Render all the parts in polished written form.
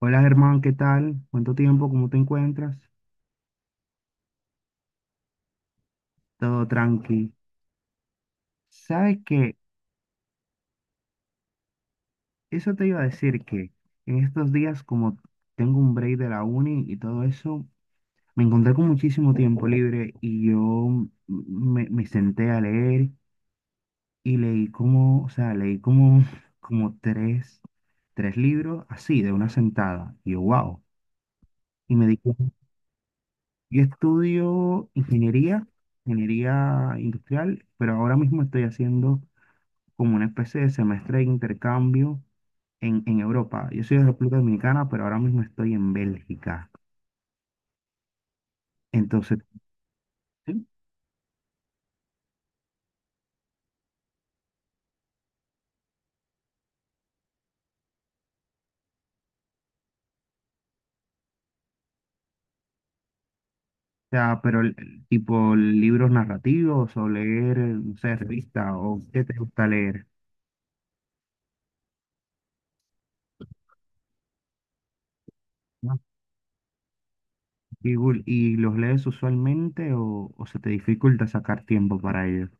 Hola Germán, ¿qué tal? ¿Cuánto tiempo? ¿Cómo te encuentras? Todo tranqui. ¿Sabes qué? Eso te iba a decir que en estos días, como tengo un break de la uni y todo eso, me encontré con muchísimo tiempo libre y yo me senté a leer y leí como, o sea, leí como, como tres libros así, de una sentada. Y yo, wow. Y me di cuenta, yo estudio ingeniería, ingeniería industrial, pero ahora mismo estoy haciendo como una especie de semestre de intercambio en Europa. Yo soy de República Dominicana, pero ahora mismo estoy en Bélgica. Entonces, sí, o sea, pero el tipo libros narrativos o leer, no sé, revistas o qué te gusta leer. ¿No? ¿Y, y los lees usualmente o se te dificulta sacar tiempo para ello?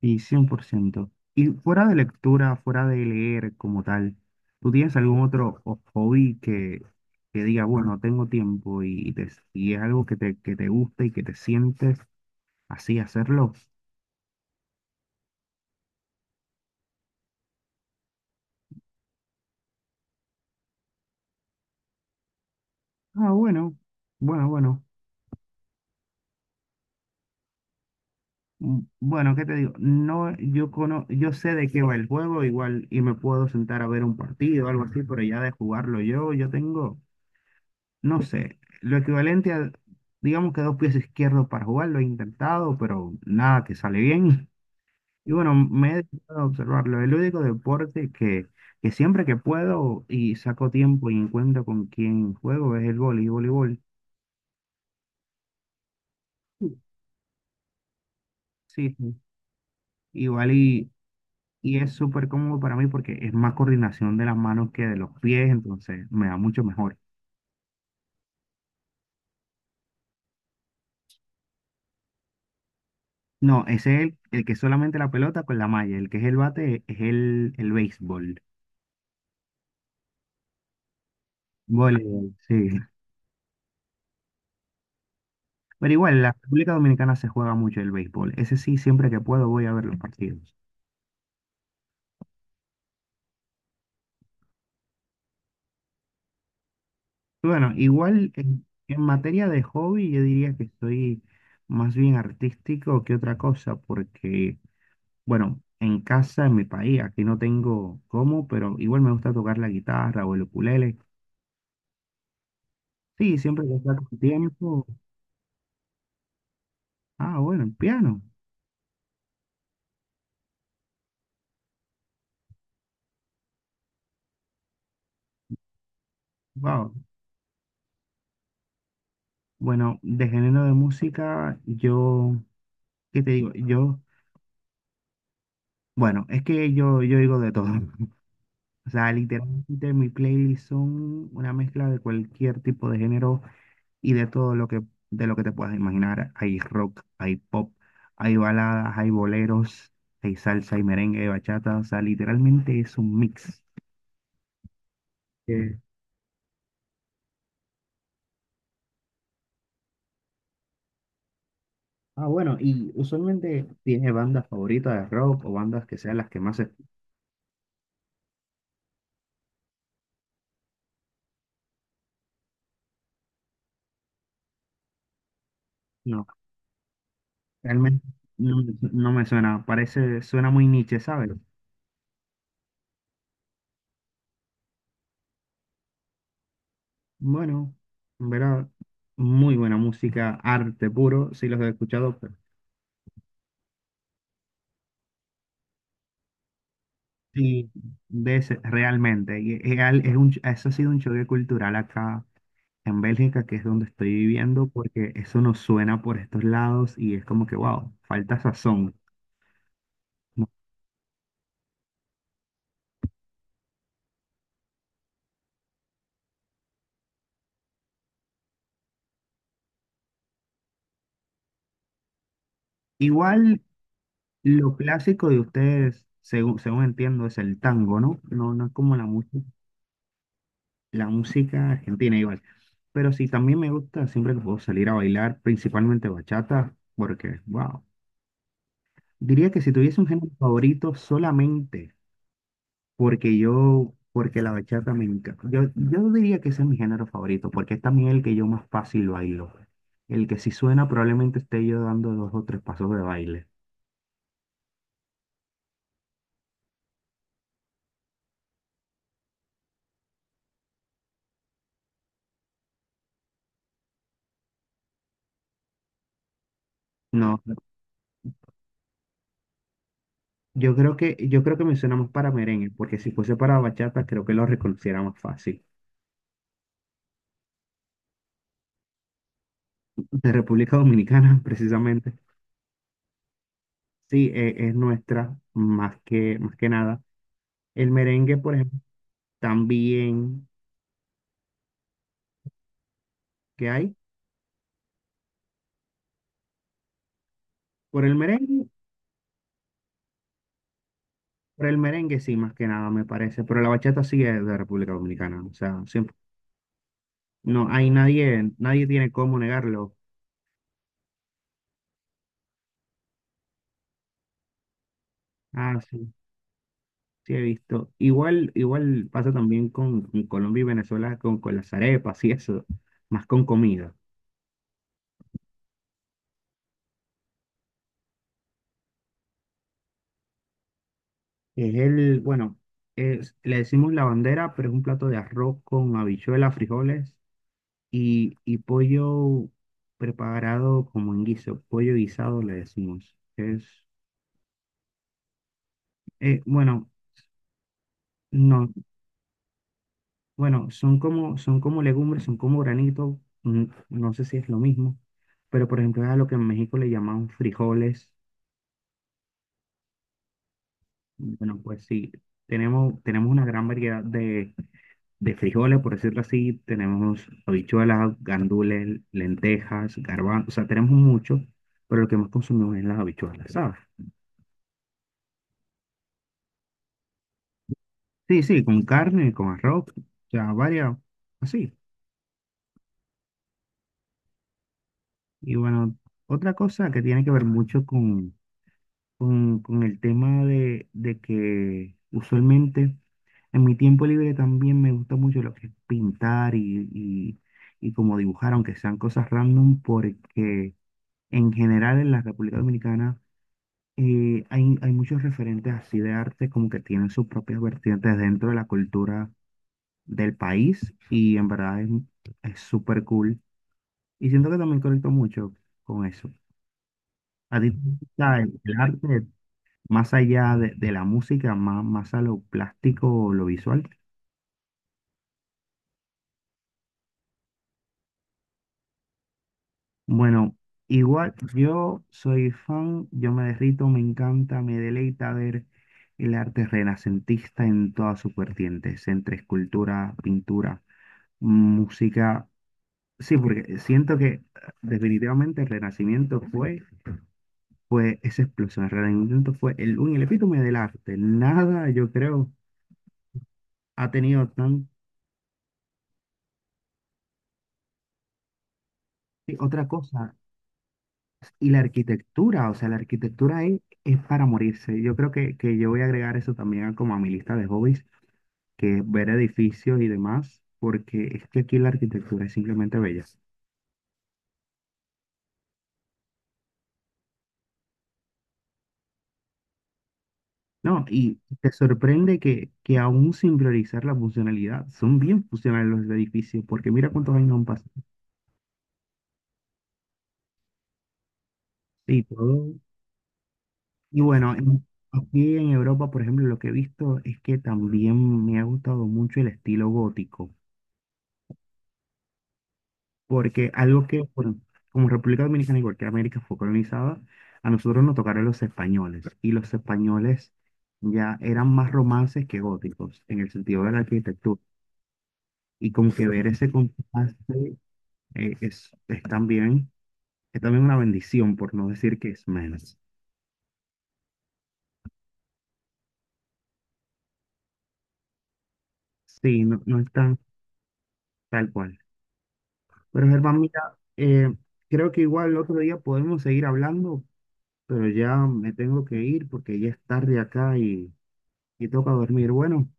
Sí, cien por ciento. Y fuera de lectura, fuera de leer como tal, ¿tú tienes algún otro hobby que diga, bueno, tengo tiempo y, y es algo que te gusta y que te sientes así hacerlo? Ah, bueno, bueno, bueno. Bueno, ¿qué te digo? No, yo sé de qué va el juego igual y me puedo sentar a ver un partido o algo así, pero ya de jugarlo yo, yo tengo, no sé, lo equivalente a, digamos que dos pies izquierdos para jugar, lo he intentado, pero nada que sale bien. Y bueno, me he dedicado a observarlo. El único deporte que siempre que puedo y saco tiempo y encuentro con quien juego es el vóley, voleibol. Sí, sí. Igual y es súper cómodo para mí porque es más coordinación de las manos que de los pies, entonces me da mucho mejor. No, ese es el que es solamente la pelota con la malla, el que es el bate es el béisbol. Voleibol, sí. Pero igual, en la República Dominicana se juega mucho el béisbol. Ese sí, siempre que puedo voy a ver los partidos. Bueno, igual en materia de hobby, yo diría que soy más bien artístico que otra cosa, porque, bueno, en casa, en mi país, aquí no tengo cómo, pero igual me gusta tocar la guitarra o el ukulele. Sí, siempre que saco tiempo. Ah, bueno, el piano. Wow. Bueno, de género de música, yo, ¿qué te digo? Yo, bueno, es que yo digo de todo. O sea, literalmente mi playlist son una mezcla de cualquier tipo de género y de todo lo que, de lo que te puedas imaginar. Hay rock, hay pop, hay baladas, hay boleros, hay salsa, hay merengue, hay bachata. O sea, literalmente es un mix. Eh, ah, bueno, y usualmente tiene bandas favoritas de rock o bandas que sean las que más escucho. No, realmente no, no me suena. Parece, suena muy niche, ¿sabes? Bueno, en verdad, muy buena música, arte puro. Sí los he escuchado. Sí, de realmente. Y es, es un, eso ha sido un choque cultural acá en Bélgica, que es donde estoy viviendo, porque eso nos suena por estos lados y es como que, wow, falta sazón, ¿no? Igual lo clásico de ustedes, según, según entiendo, es el tango, ¿no? No, no es como la música argentina igual. Pero sí, también me gusta siempre que puedo salir a bailar, principalmente bachata, porque, wow, diría que si tuviese un género favorito solamente. Porque yo, porque la bachata me encanta. Yo diría que ese es mi género favorito, porque es también el que yo más fácil bailo. El que si suena probablemente esté yo dando dos o tres pasos de baile. No, yo creo que me suena más para merengue, porque si fuese para bachata creo que lo reconociera más fácil. De República Dominicana, precisamente. Sí, es, nuestra, más que nada. El merengue, por ejemplo, también que hay. Por el merengue. Por el merengue sí, más que nada, me parece, pero la bachata sí es de República Dominicana, o sea, siempre, no hay nadie, nadie tiene cómo negarlo. Ah, sí, sí he visto. Igual, igual pasa también con Colombia y Venezuela, con las arepas y eso, más con comida. Es el, bueno, le decimos la bandera, pero es un plato de arroz con habichuelas, frijoles y pollo preparado como en guiso, pollo guisado le decimos. Es, bueno. No, bueno, son como legumbres, son como granitos, mm, no sé si es lo mismo, pero por ejemplo es a lo que en México le llaman frijoles. Bueno, pues sí, tenemos, tenemos una gran variedad de frijoles, por decirlo así, tenemos habichuelas, gandules, lentejas, garbanzos, o sea, tenemos mucho, pero lo que más consumimos es las habichuelas, ¿sabes? Sí, sí, con carne, con arroz, o sea, varias, así. Y bueno, otra cosa que tiene que ver mucho con el tema de que usualmente en mi tiempo libre también me gusta mucho lo que es pintar y como dibujar, aunque sean cosas random, porque en general en la República Dominicana hay, hay muchos referentes así de arte como que tienen sus propias vertientes dentro de la cultura del país y en verdad es súper cool. Y siento que también conecto mucho con eso. A ti, te gusta el arte, más allá de la música, más, más a lo plástico, lo visual. Bueno, igual yo soy fan, yo me derrito, me encanta, me deleita ver el arte renacentista en todas sus vertientes, entre escultura, pintura, música. Sí, porque siento que definitivamente el Renacimiento fue, fue esa explosión, el Renacimiento fue el, el epítome del arte. Nada, yo creo, ha tenido tan... Sí, otra cosa. Y la arquitectura, o sea, la arquitectura ahí es para morirse. Yo creo que yo voy a agregar eso también como a mi lista de hobbies, que es ver edificios y demás, porque es que aquí la arquitectura es simplemente bella. No, y te sorprende que aún sin priorizar la funcionalidad, son bien funcionales los edificios, porque mira cuántos años han pasado y todo. Y bueno, aquí en Europa, por ejemplo, lo que he visto es que también me ha gustado mucho el estilo gótico. Porque algo que, bueno, como República Dominicana, igual que América fue colonizada, a nosotros nos tocaron los españoles. Y los españoles ya eran más romances que góticos, en el sentido de la arquitectura. Y como que ver ese contraste eh, es, es también, es también una bendición, por no decir que es menos. Sí, no, no es tan tal cual. Pero Germán, mira, eh, creo que igual el otro día podemos seguir hablando, pero ya me tengo que ir porque ya es tarde acá y toca dormir. Bueno.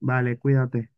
Vale, cuídate.